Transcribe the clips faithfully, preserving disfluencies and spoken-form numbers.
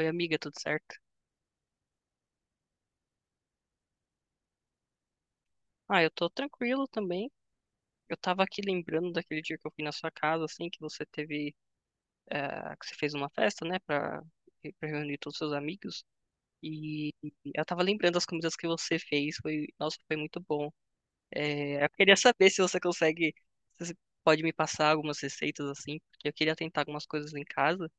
Oi, amiga, tudo certo? Ah, eu tô tranquilo também. Eu tava aqui lembrando daquele dia que eu fui na sua casa, assim, que você teve, eh, que você fez uma festa, né, pra, pra reunir todos os seus amigos. E eu tava lembrando das comidas que você fez. Foi, nossa, foi muito bom. Eh, eu queria saber se você consegue, se você pode me passar algumas receitas, assim, porque eu queria tentar algumas coisas em casa.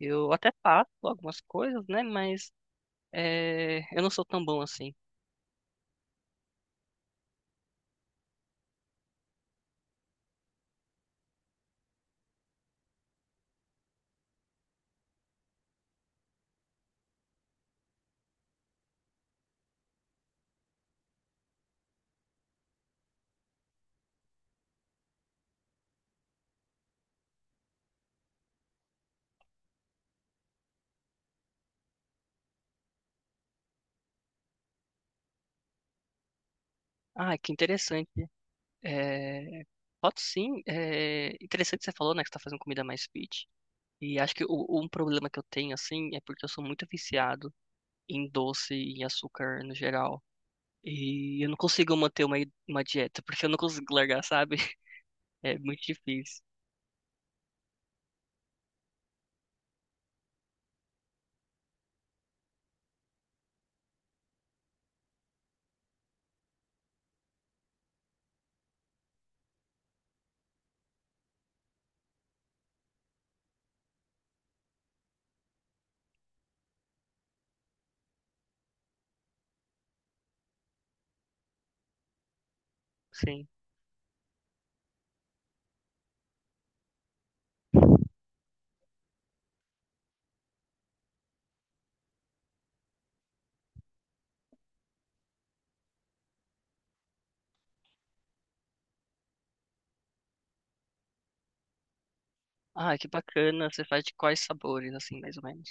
Eu até faço algumas coisas, né, mas eh, eu não sou tão bom assim. Ah, que interessante. Eh, Pode sim. É interessante que você falou, né, que você tá fazendo comida mais fit. E acho que o, um problema que eu tenho, assim, é porque eu sou muito viciado em doce e em açúcar no geral. E eu não consigo manter uma, uma dieta, porque eu não consigo largar, sabe? É muito difícil. Sim. Ah, que bacana. Você faz de quais sabores, assim, mais ou menos?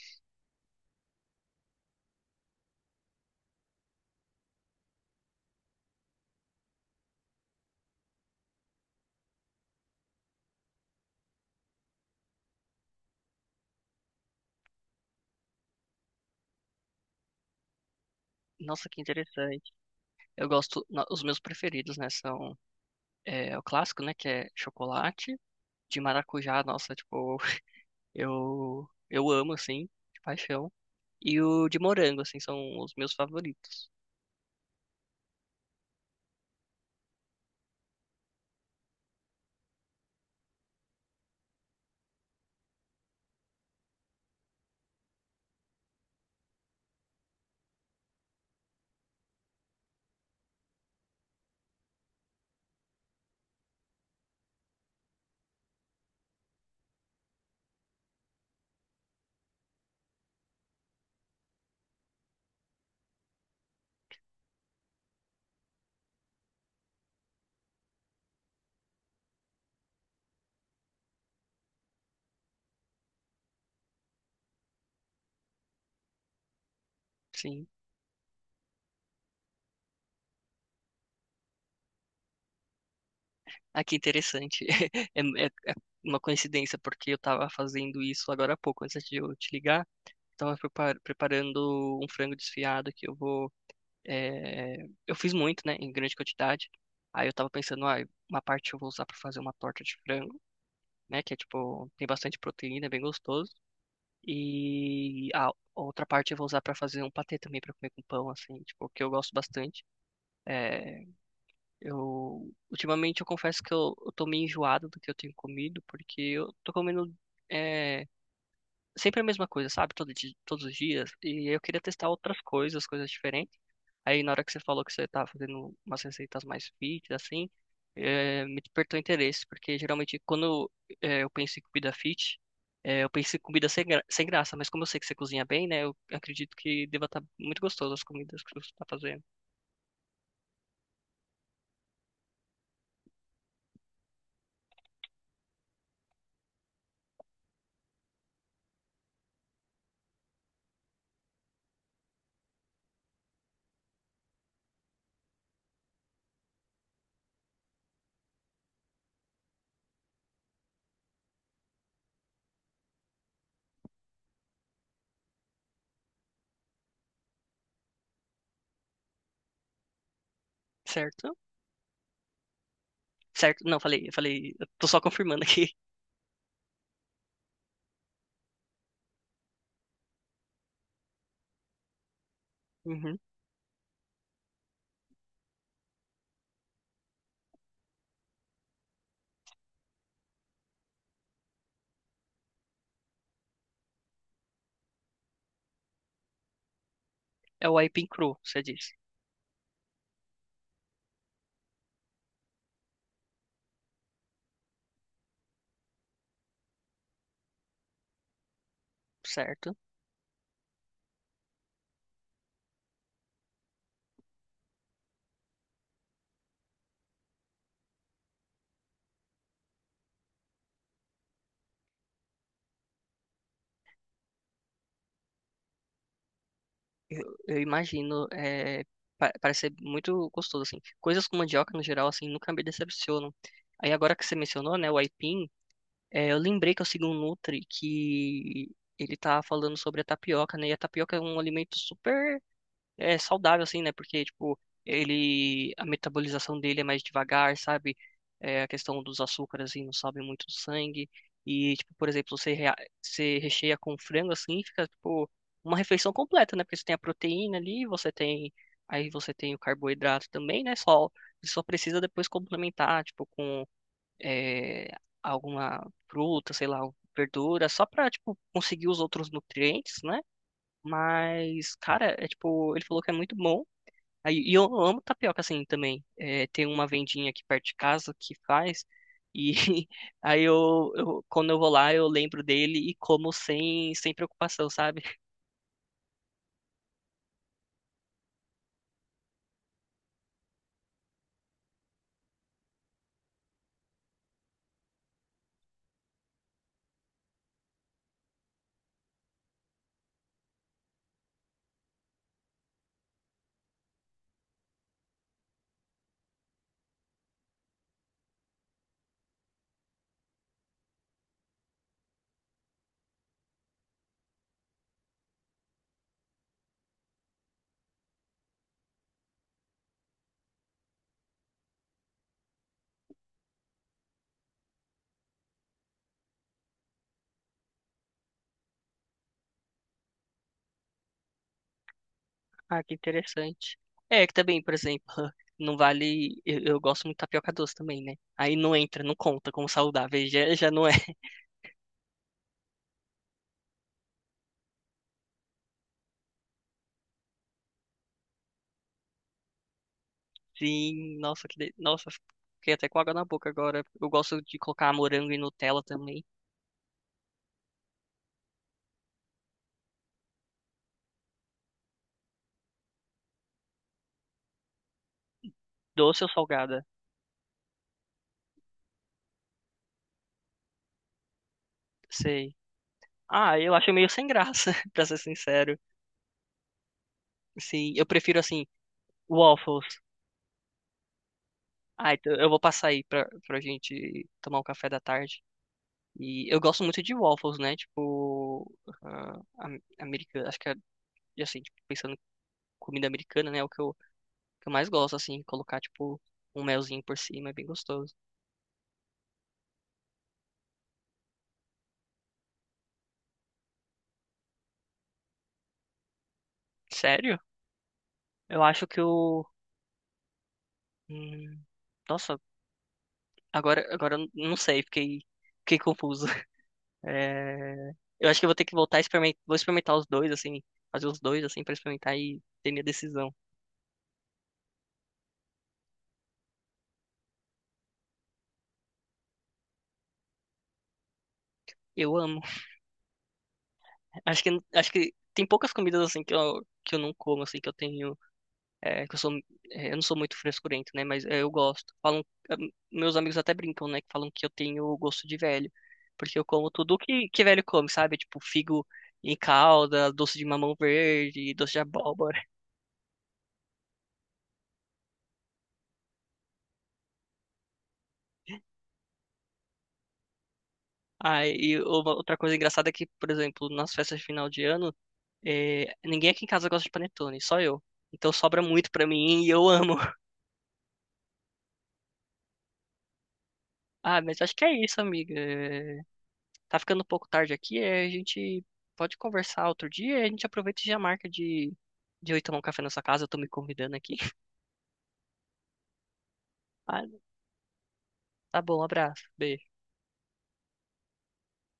Nossa, que interessante. Eu gosto, no- os meus preferidos, né, são é, o clássico, né, que é chocolate, de maracujá. Nossa, tipo, eu, eu amo, assim, de paixão. E o de morango, assim, são os meus favoritos. Sim. Ah, que interessante. É, é- é uma coincidência, porque eu tava fazendo isso agora há pouco, antes de eu te ligar. Tava prepar- preparando um frango desfiado que eu vou. é, Eu fiz muito, né, em grande quantidade. Aí eu tava pensando, ah, uma parte eu vou usar pra fazer uma torta de frango, né, que é tipo, tem bastante proteína, é bem gostoso. E a outra parte eu vou usar pra fazer um patê também, pra comer com pão, assim, tipo, que eu gosto bastante. Eh, Eu, ultimamente eu confesso que eu, eu tô meio enjoado do que eu tenho comido, porque eu tô comendo é, sempre a mesma coisa, sabe? Todo di- todos os dias. E eu queria testar outras coisas, coisas diferentes. Aí na hora que você falou que você tá fazendo umas receitas mais fit, assim, é, me despertou interesse, porque geralmente quando é, eu penso em comida fit, é, eu penso em comida sem, gra- sem graça, mas como eu sei que você cozinha bem, né? Eu acredito que deva estar muito gostoso as comidas que você tá fazendo. Certo? Certo? Não, falei, falei, eu tô só confirmando aqui. Uhum. É o aipim cru, você disse. Certo? Eu imagino, é, pa- parece ser muito gostoso, assim. Coisas com mandioca, no geral, assim, nunca me decepcionam. Aí agora que você mencionou, né, o aipim, é, eu lembrei que eu sigo um Nutri que ele tá falando sobre a tapioca, né? E a tapioca é um alimento super é saudável, assim, né? Porque, tipo, ele, a metabolização dele é mais devagar, sabe? É, a questão dos açúcares, assim, não sobe muito do sangue. E, tipo, por exemplo, você, rea- você recheia com frango, assim, fica, tipo, uma refeição completa, né? Porque você tem a proteína ali, você tem, aí você tem o carboidrato também, né? Só, você só precisa depois complementar, tipo, com é, alguma fruta, sei lá, verdura, só pra, tipo, conseguir os outros nutrientes, né? Mas, cara, é tipo, ele falou que é muito bom. Aí, e eu amo tapioca assim também. É, tem uma vendinha aqui perto de casa que faz. E aí eu, eu- quando eu vou lá, eu lembro dele e como sem, sem preocupação, sabe? Ah, que interessante. É, que também, por exemplo, não vale. Eu, eu gosto muito de tapioca doce também, né? Aí não entra, não conta como saudável, aí já, já não é. Sim, nossa, que de... nossa, fiquei até com água na boca agora. Eu gosto de colocar morango e Nutella também. Doce ou salgada? Sei. Ah, eu acho meio sem graça, pra ser sincero. Sim, eu prefiro assim, waffles. Ah, então eu vou passar aí pra, pra gente tomar um café da tarde. E eu gosto muito de waffles, né? Tipo, ah, am- americana, acho que é, assim, tipo, pensando em comida americana, né? É o que eu, que eu mais gosto, assim, colocar, tipo, um melzinho por cima, é bem gostoso. Sério? Eu acho que eu. hum, Nossa, agora, agora eu não sei, fiquei, fiquei confuso. É, Eu acho que eu vou ter que voltar a experimentar, vou experimentar os dois, assim, fazer os dois, assim, pra experimentar e ter minha decisão. Eu amo. Acho que, acho que tem poucas comidas, assim, que eu, que eu não como, assim, que eu tenho, é, que eu sou, é, eu não sou muito frescurento, né, mas é, eu gosto. Falam, é, meus amigos até brincam, né, que falam que eu tenho gosto de velho, porque eu como tudo que, que velho come, sabe? Tipo, figo em calda, doce de mamão verde, doce de abóbora. Ah, e uma- outra coisa engraçada é que, por exemplo, nas festas de final de ano, é, ninguém aqui em casa gosta de panetone, só eu. Então sobra muito pra mim e eu amo. Ah, mas acho que é isso, amiga. É, tá ficando um pouco tarde aqui, é, a gente pode conversar outro dia, a gente aproveita e já marca de, de eu ir tomar um café na sua casa, eu tô me convidando aqui. Ah, tá bom, um abraço, beijo.